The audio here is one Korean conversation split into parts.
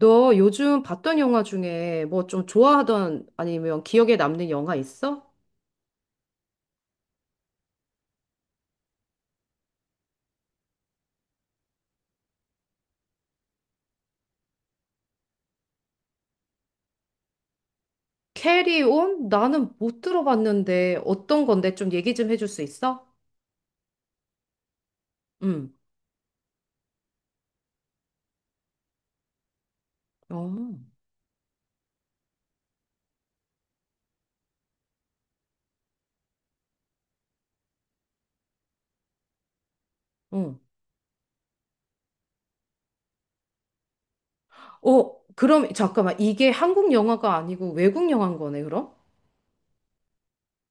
너 요즘 봤던 영화 중에 뭐 좀 좋아하던 아니면 기억에 남는 영화 있어? 캐리온? 나는 못 들어봤는데 어떤 건데 좀 얘기 좀 해줄 수 있어? 응. 어. 응. 어, 그럼 잠깐만. 이게 한국 영화가 아니고 외국 영화인 거네, 그럼?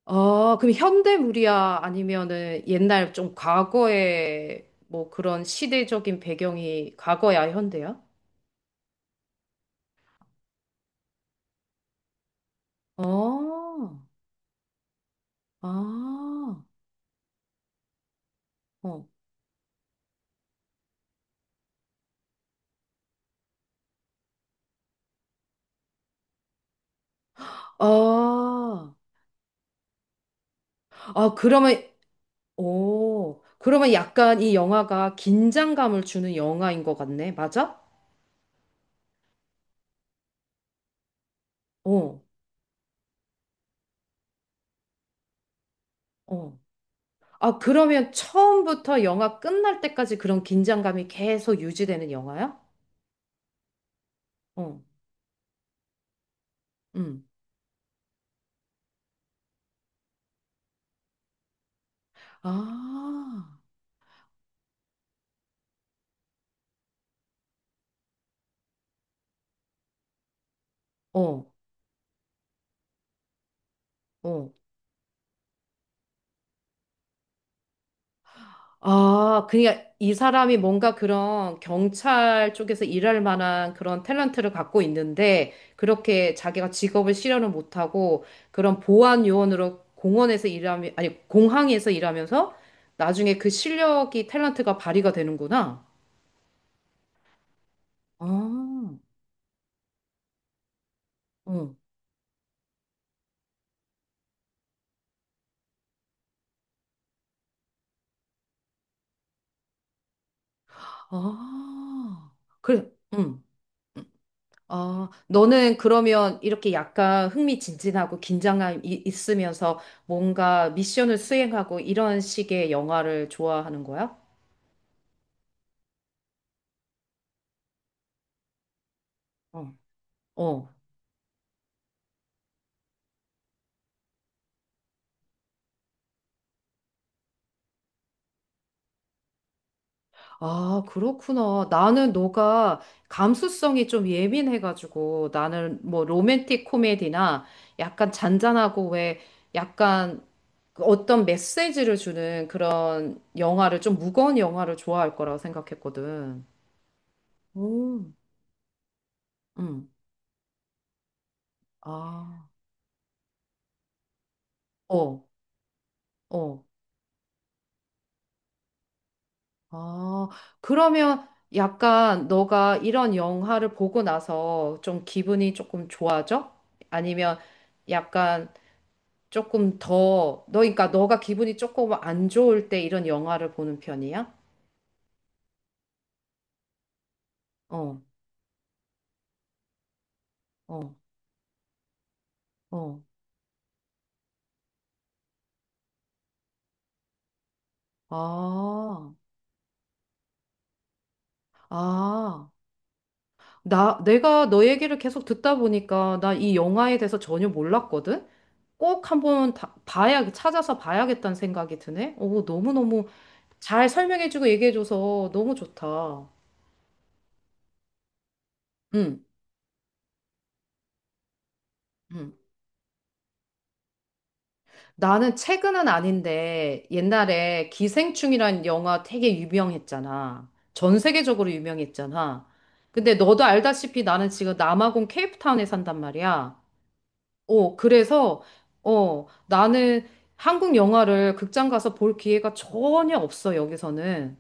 아, 그럼 현대물이야? 아니면은 옛날 좀 과거에 뭐 그런 시대적인 배경이 과거야, 현대야? 어. 아. 어. 아. 아, 그러면, 오, 그러면 약간 이 영화가 긴장감을 주는 영화인 것 같네. 맞아? 어, 어. 아, 그러면 처음부터 영화 끝날 때까지 그런 긴장감이 계속 유지되는 영화야? 어, 음. 아, 어, 어. 아, 그러니까 이 사람이 뭔가 그런 경찰 쪽에서 일할 만한 그런 탤런트를 갖고 있는데 그렇게 자기가 직업을 실현을 못하고 그런 보안 요원으로 공원에서 일하면 아니 공항에서 일하면서 나중에 그 실력이 탤런트가 발휘가 되는구나. 아, 응. 아, 그래, 응. 어, 너는 그러면 이렇게 약간 흥미진진하고 긴장감 이, 있으면서 뭔가 미션을 수행하고 이런 식의 영화를 좋아하는 거야? 어. 어. 아, 그렇구나. 나는 너가 감수성이 좀 예민해가지고 나는 뭐 로맨틱 코미디나 약간 잔잔하고 왜 약간 그 어떤 메시지를 주는 그런 영화를 좀 무거운 영화를 좋아할 거라고 생각했거든. 오. 응. 아. 어. 어. 아, 그러면 약간 너가 이런 영화를 보고 나서 좀 기분이 조금 좋아져? 아니면 약간 조금 더, 너, 그러니까 너가 기분이 조금 안 좋을 때 이런 영화를 보는 편이야? 어, 어, 어. 아, 아. 내가 너 얘기를 계속 듣다 보니까 나 이 영화에 대해서 전혀 몰랐거든? 꼭 한번 봐야, 찾아서 봐야겠다는 생각이 드네? 오, 너무너무 잘 설명해주고 얘기해줘서 너무 좋다. 응, 응. 나는 최근은 아닌데 옛날에 기생충이란 영화 되게 유명했잖아. 전 세계적으로 유명했잖아. 근데 너도 알다시피 나는 지금 남아공 케이프타운에 산단 말이야. 어, 그래서 어, 나는 한국 영화를 극장 가서 볼 기회가 전혀 없어, 여기서는.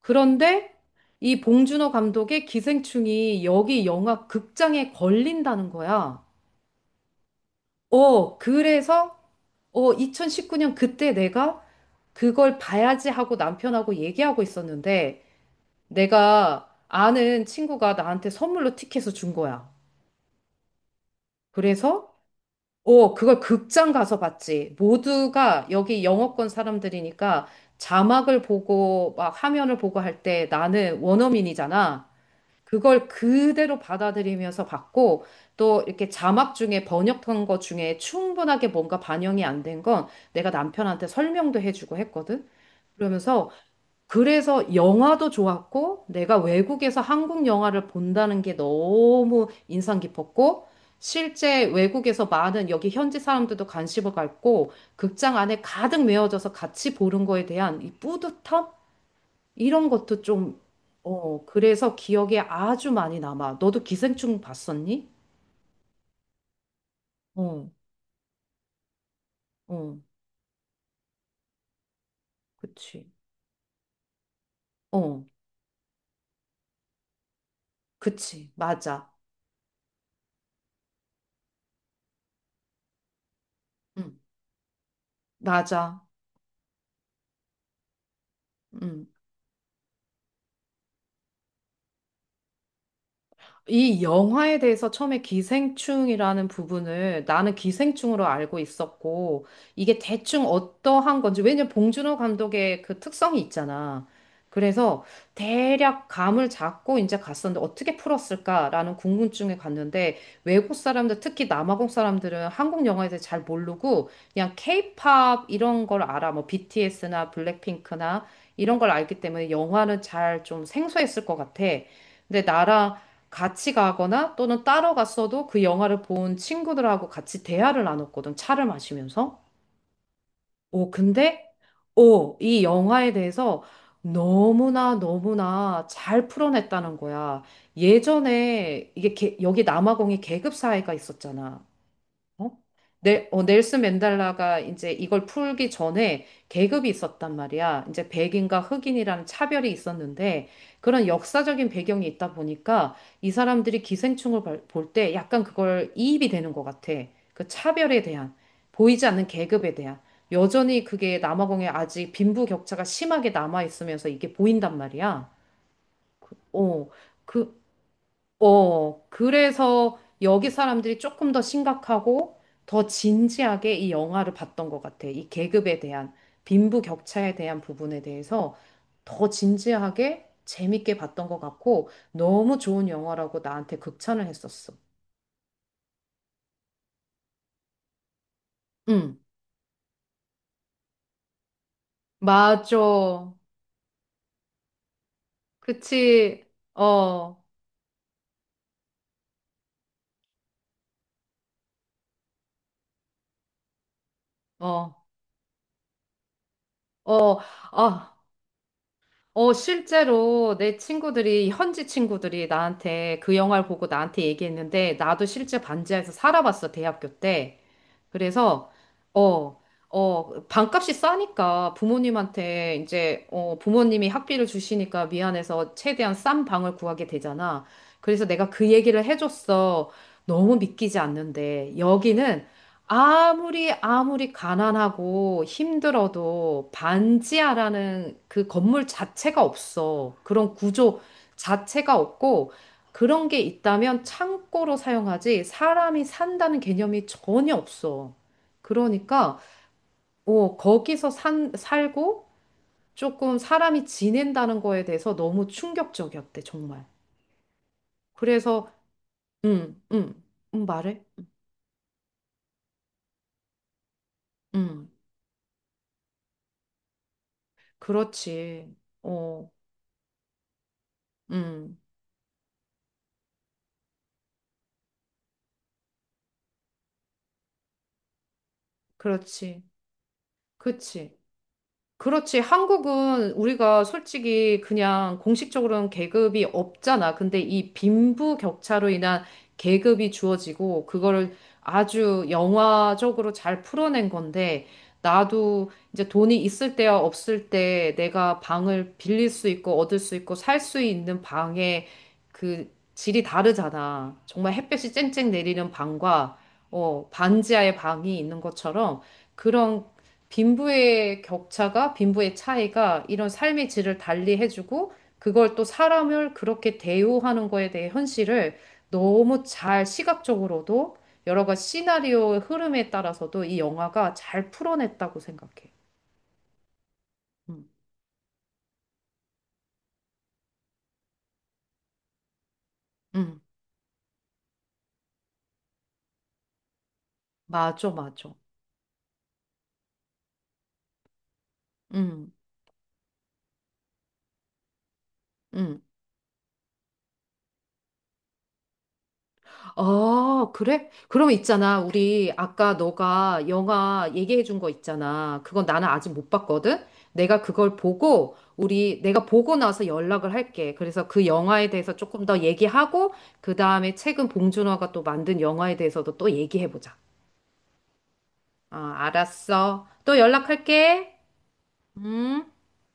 그런데 이 봉준호 감독의 기생충이 여기 영화 극장에 걸린다는 거야. 어, 그래서, 어, 2019년 그때 내가 그걸 봐야지 하고 남편하고 얘기하고 있었는데, 내가 아는 친구가 나한테 선물로 티켓을 준 거야. 그래서, 어, 그걸 극장 가서 봤지. 모두가 여기 영어권 사람들이니까 자막을 보고 막 화면을 보고 할 때 나는 원어민이잖아. 그걸 그대로 받아들이면서 봤고, 또 이렇게 자막 중에 번역한 거 중에 충분하게 뭔가 반영이 안 된 건 내가 남편한테 설명도 해주고 했거든. 그러면서 그래서 영화도 좋았고, 내가 외국에서 한국 영화를 본다는 게 너무 인상 깊었고, 실제 외국에서 많은 여기 현지 사람들도 관심을 갖고, 극장 안에 가득 메워져서 같이 보는 거에 대한 이 뿌듯함? 이런 것도 좀, 어, 그래서 기억에 아주 많이 남아. 너도 기생충 봤었니? 어, 어, 그치. 어, 그치. 맞아. 응, 맞아. 응. 이 영화에 대해서 처음에 기생충이라는 부분을 나는 기생충으로 알고 있었고, 이게 대충 어떠한 건지, 왜냐면 봉준호 감독의 그 특성이 있잖아. 그래서 대략 감을 잡고 이제 갔었는데 어떻게 풀었을까라는 궁금증에 갔는데 외국 사람들, 특히 남아공 사람들은 한국 영화에 대해 잘 모르고 그냥 케이팝 이런 걸 알아. 뭐 BTS나 블랙핑크나 이런 걸 알기 때문에 영화는 잘 좀 생소했을 것 같아. 근데 나라 같이 가거나 또는 따로 갔어도 그 영화를 본 친구들하고 같이 대화를 나눴거든, 차를 마시면서. 오, 근데, 오, 이 영화에 대해서 너무나 너무나 잘 풀어냈다는 거야. 예전에 이게 여기 남아공에 계급 사회가 있었잖아. 어? 네, 어, 넬슨 맨델라가 이제 이걸 풀기 전에 계급이 있었단 말이야. 이제 백인과 흑인이라는 차별이 있었는데 그런 역사적인 배경이 있다 보니까 이 사람들이 기생충을 볼 때 약간 그걸 이입이 되는 것 같아. 그 차별에 대한, 보이지 않는 계급에 대한. 여전히 그게 남아공에 아직 빈부격차가 심하게 남아 있으면서 이게 보인단 말이야. 어, 그, 어, 그래서 여기 사람들이 조금 더 심각하고 더 진지하게 이 영화를 봤던 것 같아. 이 계급에 대한, 빈부격차에 대한 부분에 대해서 더 진지하게 재밌게 봤던 것 같고 너무 좋은 영화라고 나한테 극찬을 했었어. 응, 맞아. 그치. 어, 어, 어, 아. 어, 실제로 내 친구들이, 현지 친구들이 나한테 그 영화를 보고 나한테 얘기했는데, 나도 실제 반지하에서 살아봤어, 대학교 때. 그래서 어, 어, 반값이 싸니까 부모님한테 이제 어, 부모님이 학비를 주시니까 미안해서 최대한 싼 방을 구하게 되잖아. 그래서 내가 그 얘기를 해줬어. 너무 믿기지 않는데 여기는 아무리 아무리 가난하고 힘들어도 반지하라는 그 건물 자체가 없어. 그런 구조 자체가 없고 그런 게 있다면 창고로 사용하지 사람이 산다는 개념이 전혀 없어. 그러니까 어, 거기서 살고 조금 사람이 지낸다는 거에 대해서 너무 충격적이었대, 정말. 그래서 음, 음, 말해? 음, 그렇지. 어, 음, 그렇지. 그치. 그렇지. 한국은 우리가 솔직히 그냥 공식적으로는 계급이 없잖아. 근데 이 빈부격차로 인한 계급이 주어지고 그거를 아주 영화적으로 잘 풀어낸 건데 나도 이제 돈이 있을 때와 없을 때 내가 방을 빌릴 수 있고 얻을 수 있고 살 수 있는 방의 그 질이 다르잖아. 정말 햇볕이 쨍쨍 내리는 방과 어, 반지하의 방이 있는 것처럼 그런 빈부의 격차가, 빈부의 차이가 이런 삶의 질을 달리해주고, 그걸 또 사람을 그렇게 대우하는 거에 대해 현실을 너무 잘 시각적으로도 여러 가지 시나리오의 흐름에 따라서도 이 영화가 잘 풀어냈다고 생각해. 음, 음, 맞아, 맞아. 음, 음. 아, 그래? 그럼 있잖아. 우리 아까 너가 영화 얘기해 준 거 있잖아. 그건 나는 아직 못 봤거든? 내가 그걸 보고, 우리, 내가 보고 나서 연락을 할게. 그래서 그 영화에 대해서 조금 더 얘기하고, 그 다음에 최근 봉준호가 또 만든 영화에 대해서도 또 얘기해 보자. 아, 알았어. 또 연락할게. 음.